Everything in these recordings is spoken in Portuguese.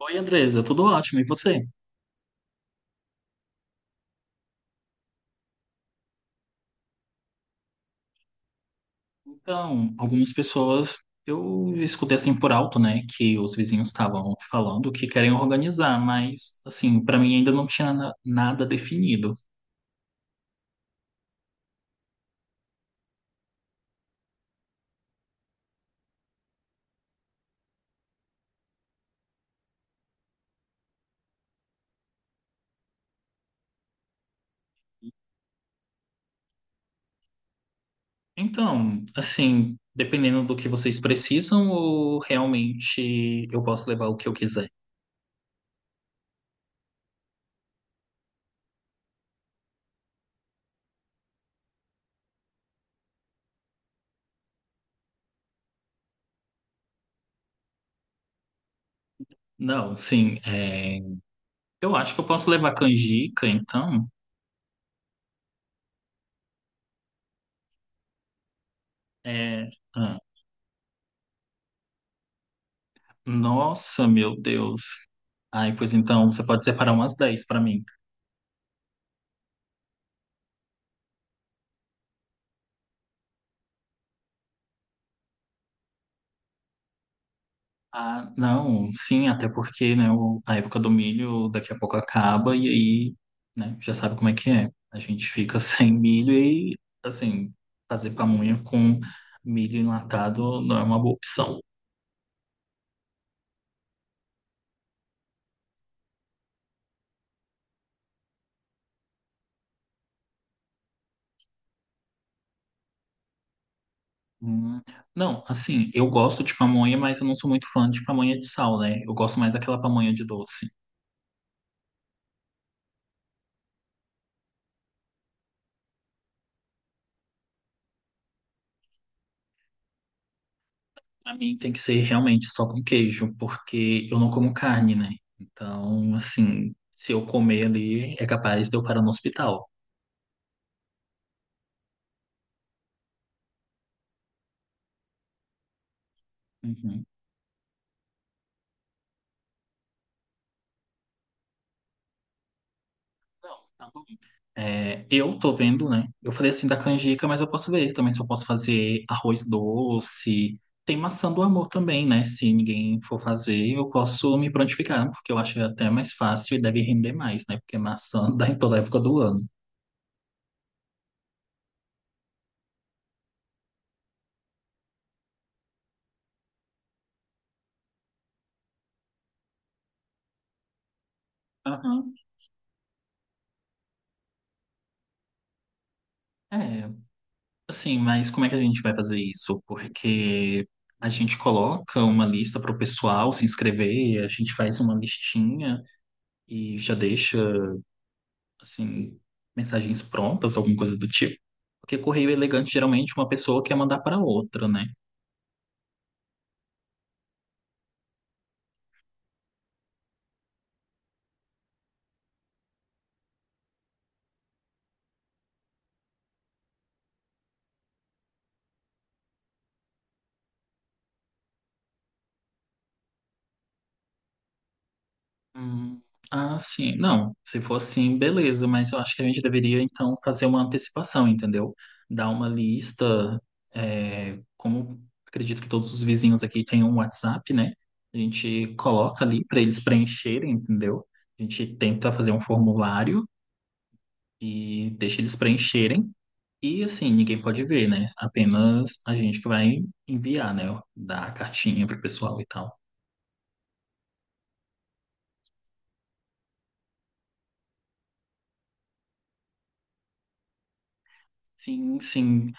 Oi, Andresa, tudo ótimo. E você? Então, algumas pessoas eu escutei assim por alto, né, que os vizinhos estavam falando que querem organizar, mas assim, para mim ainda não tinha nada definido. Então, assim, dependendo do que vocês precisam, ou realmente eu posso levar o que eu quiser. Não, sim, é, eu acho que eu posso levar canjica, então. É, ah, nossa, meu Deus. Ai, pois então, você pode separar umas 10 para mim. Ah, não, sim, até porque, né, a época do milho daqui a pouco acaba e aí, né, já sabe como é que é. A gente fica sem milho e, assim, fazer pamonha com milho enlatado não é uma boa opção. Hum. Não, assim, eu gosto de pamonha, mas eu não sou muito fã de pamonha de sal, né? Eu gosto mais daquela pamonha de doce. Pra mim tem que ser realmente só com queijo, porque eu não como carne, né? Então, assim, se eu comer ali, é capaz de eu parar no hospital. Uhum. Não, tá bom. É, eu tô vendo, né? Eu falei assim da canjica, mas eu posso ver também se eu posso fazer arroz doce. Tem maçã do amor também, né? Se ninguém for fazer, eu posso me prontificar, porque eu acho até mais fácil e deve render mais, né? Porque maçã dá em toda época do ano. Aham. É, assim, mas como é que a gente vai fazer isso? Porque a gente coloca uma lista para o pessoal se inscrever, a gente faz uma listinha e já deixa assim, mensagens prontas, alguma coisa do tipo. Porque correio elegante geralmente uma pessoa quer mandar para outra, né? Hum, ah, sim. Não, se for assim, beleza, mas eu acho que a gente deveria então fazer uma antecipação, entendeu? Dar uma lista, é, como acredito que todos os vizinhos aqui têm um WhatsApp, né? A gente coloca ali para eles preencherem, entendeu? A gente tenta fazer um formulário e deixa eles preencherem. E assim, ninguém pode ver, né? Apenas a gente que vai enviar, né? Dar a cartinha pro pessoal e tal. Sim, sim.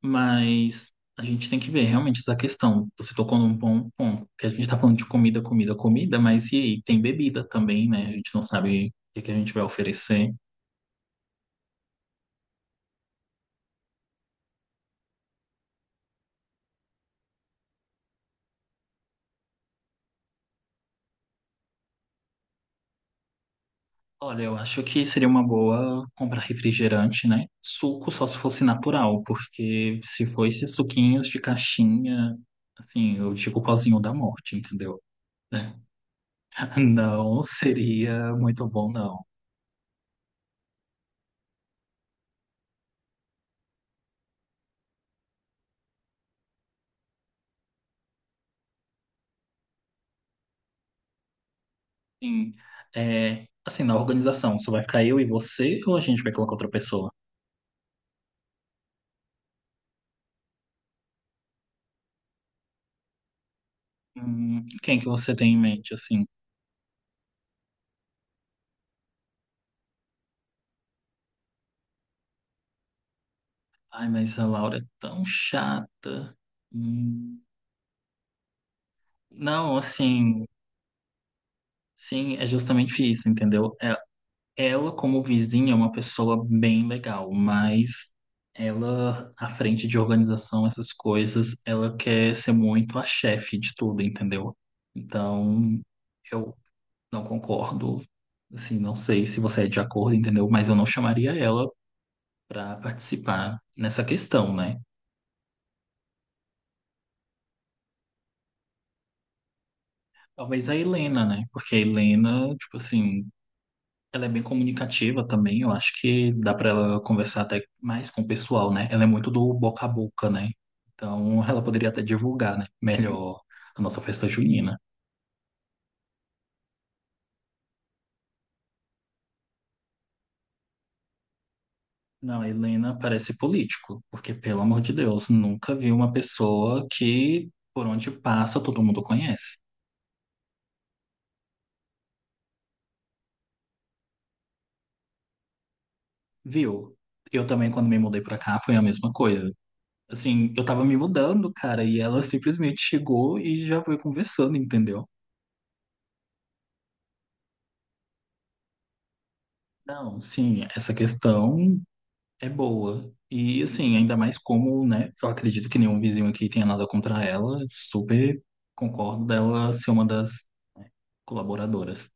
Mas a gente tem que ver realmente essa questão. Você tocou num bom ponto, que a gente tá falando de comida, comida, comida, mas e aí? Tem bebida também, né? A gente não sabe o que que a gente vai oferecer. Olha, eu acho que seria uma boa comprar refrigerante, né? Suco só se fosse natural, porque se for esses suquinhos de caixinha, assim, eu digo o pauzinho da morte, entendeu? É. Não seria muito bom, não. Sim. É, assim, na organização, só vai ficar eu e você ou a gente vai colocar outra pessoa? Quem que você tem em mente, assim? Ai, mas a Laura é tão chata. Hum, não, assim, sim, é justamente isso, entendeu? É- ela, como vizinha, é uma pessoa bem legal, mas ela, à frente de organização, essas coisas, ela quer ser muito a chefe de tudo, entendeu? Então. Eu não concordo. Assim, não sei se você é de acordo, entendeu? Mas eu não chamaria ela para participar nessa questão, né? Talvez a Helena, né? Porque a Helena, tipo assim, ela é bem comunicativa também. Eu acho que dá para ela conversar até mais com o pessoal, né? Ela é muito do boca a boca, né? Então, ela poderia até divulgar, né? Melhor a nossa festa junina. Não, a Helena parece político, porque, pelo amor de Deus, nunca vi uma pessoa que, por onde passa, todo mundo conhece. Viu? Eu também, quando me mudei pra cá, foi a mesma coisa. Assim, eu tava me mudando, cara, e ela simplesmente chegou e já foi conversando, entendeu? Não, sim, essa questão é boa. E, assim, ainda mais como, né, eu acredito que nenhum vizinho aqui tenha nada contra ela, super concordo dela ser uma das colaboradoras.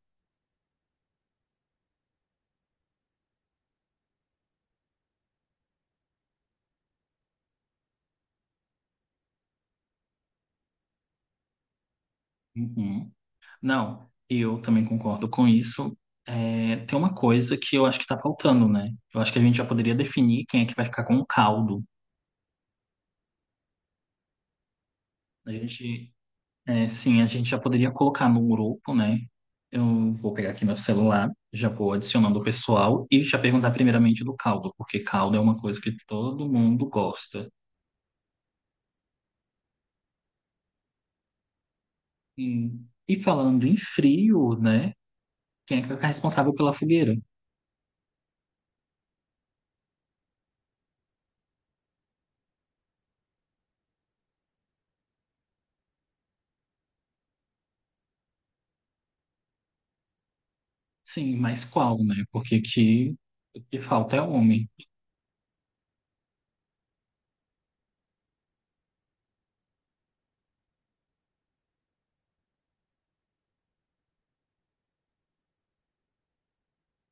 Uhum. Não, eu também concordo com isso. É, tem uma coisa que eu acho que tá faltando, né? Eu acho que a gente já poderia definir quem é que vai ficar com o caldo. A gente, é, sim, a gente já poderia colocar no grupo, né? Eu vou pegar aqui meu celular, já vou adicionando o pessoal e já perguntar primeiramente do caldo, porque caldo é uma coisa que todo mundo gosta. E, e falando em frio, né? Quem é que é responsável pela fogueira? Sim, mas qual, né? Porque aqui o que falta é homem.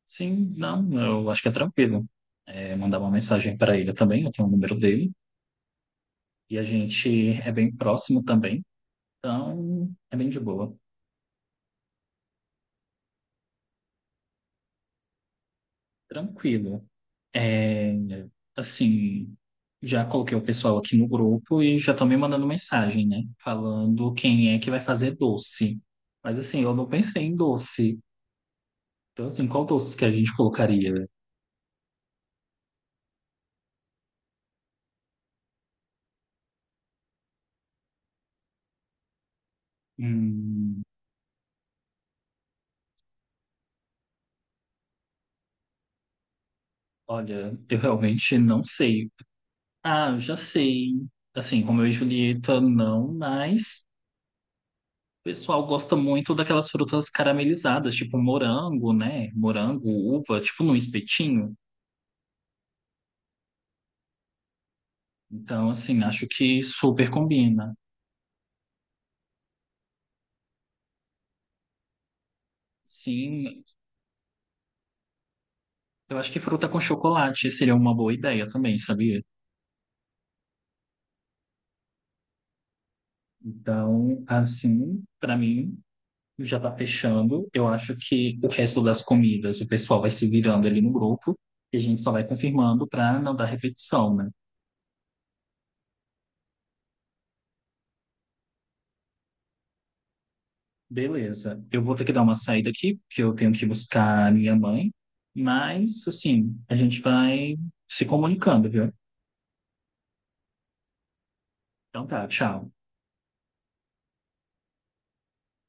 Sim, não, eu acho que é tranquilo. É, mandar uma mensagem para ele também, eu tenho o número dele. E a gente é bem próximo também, então é bem de boa. Tranquilo. É, assim, já coloquei o pessoal aqui no grupo e já estão me mandando mensagem, né? Falando quem é que vai fazer doce. Mas assim, eu não pensei em doce. Então, assim, qual doce que a gente colocaria? Hum, olha, eu realmente não sei. Ah, eu já sei. Assim, Romeu e Julieta, não, mas o pessoal gosta muito daquelas frutas caramelizadas, tipo morango, né? Morango, uva, tipo num espetinho. Então, assim, acho que super combina. Sim, eu acho que fruta com chocolate seria uma boa ideia também, sabia? Então, assim, pra mim, já tá fechando. Eu acho que o resto das comidas o pessoal vai se virando ali no grupo e a gente só vai confirmando pra não dar repetição, né? Beleza. Eu vou ter que dar uma saída aqui, porque eu tenho que buscar a minha mãe. Mas, assim, a gente vai se comunicando, viu? Então tá, tchau.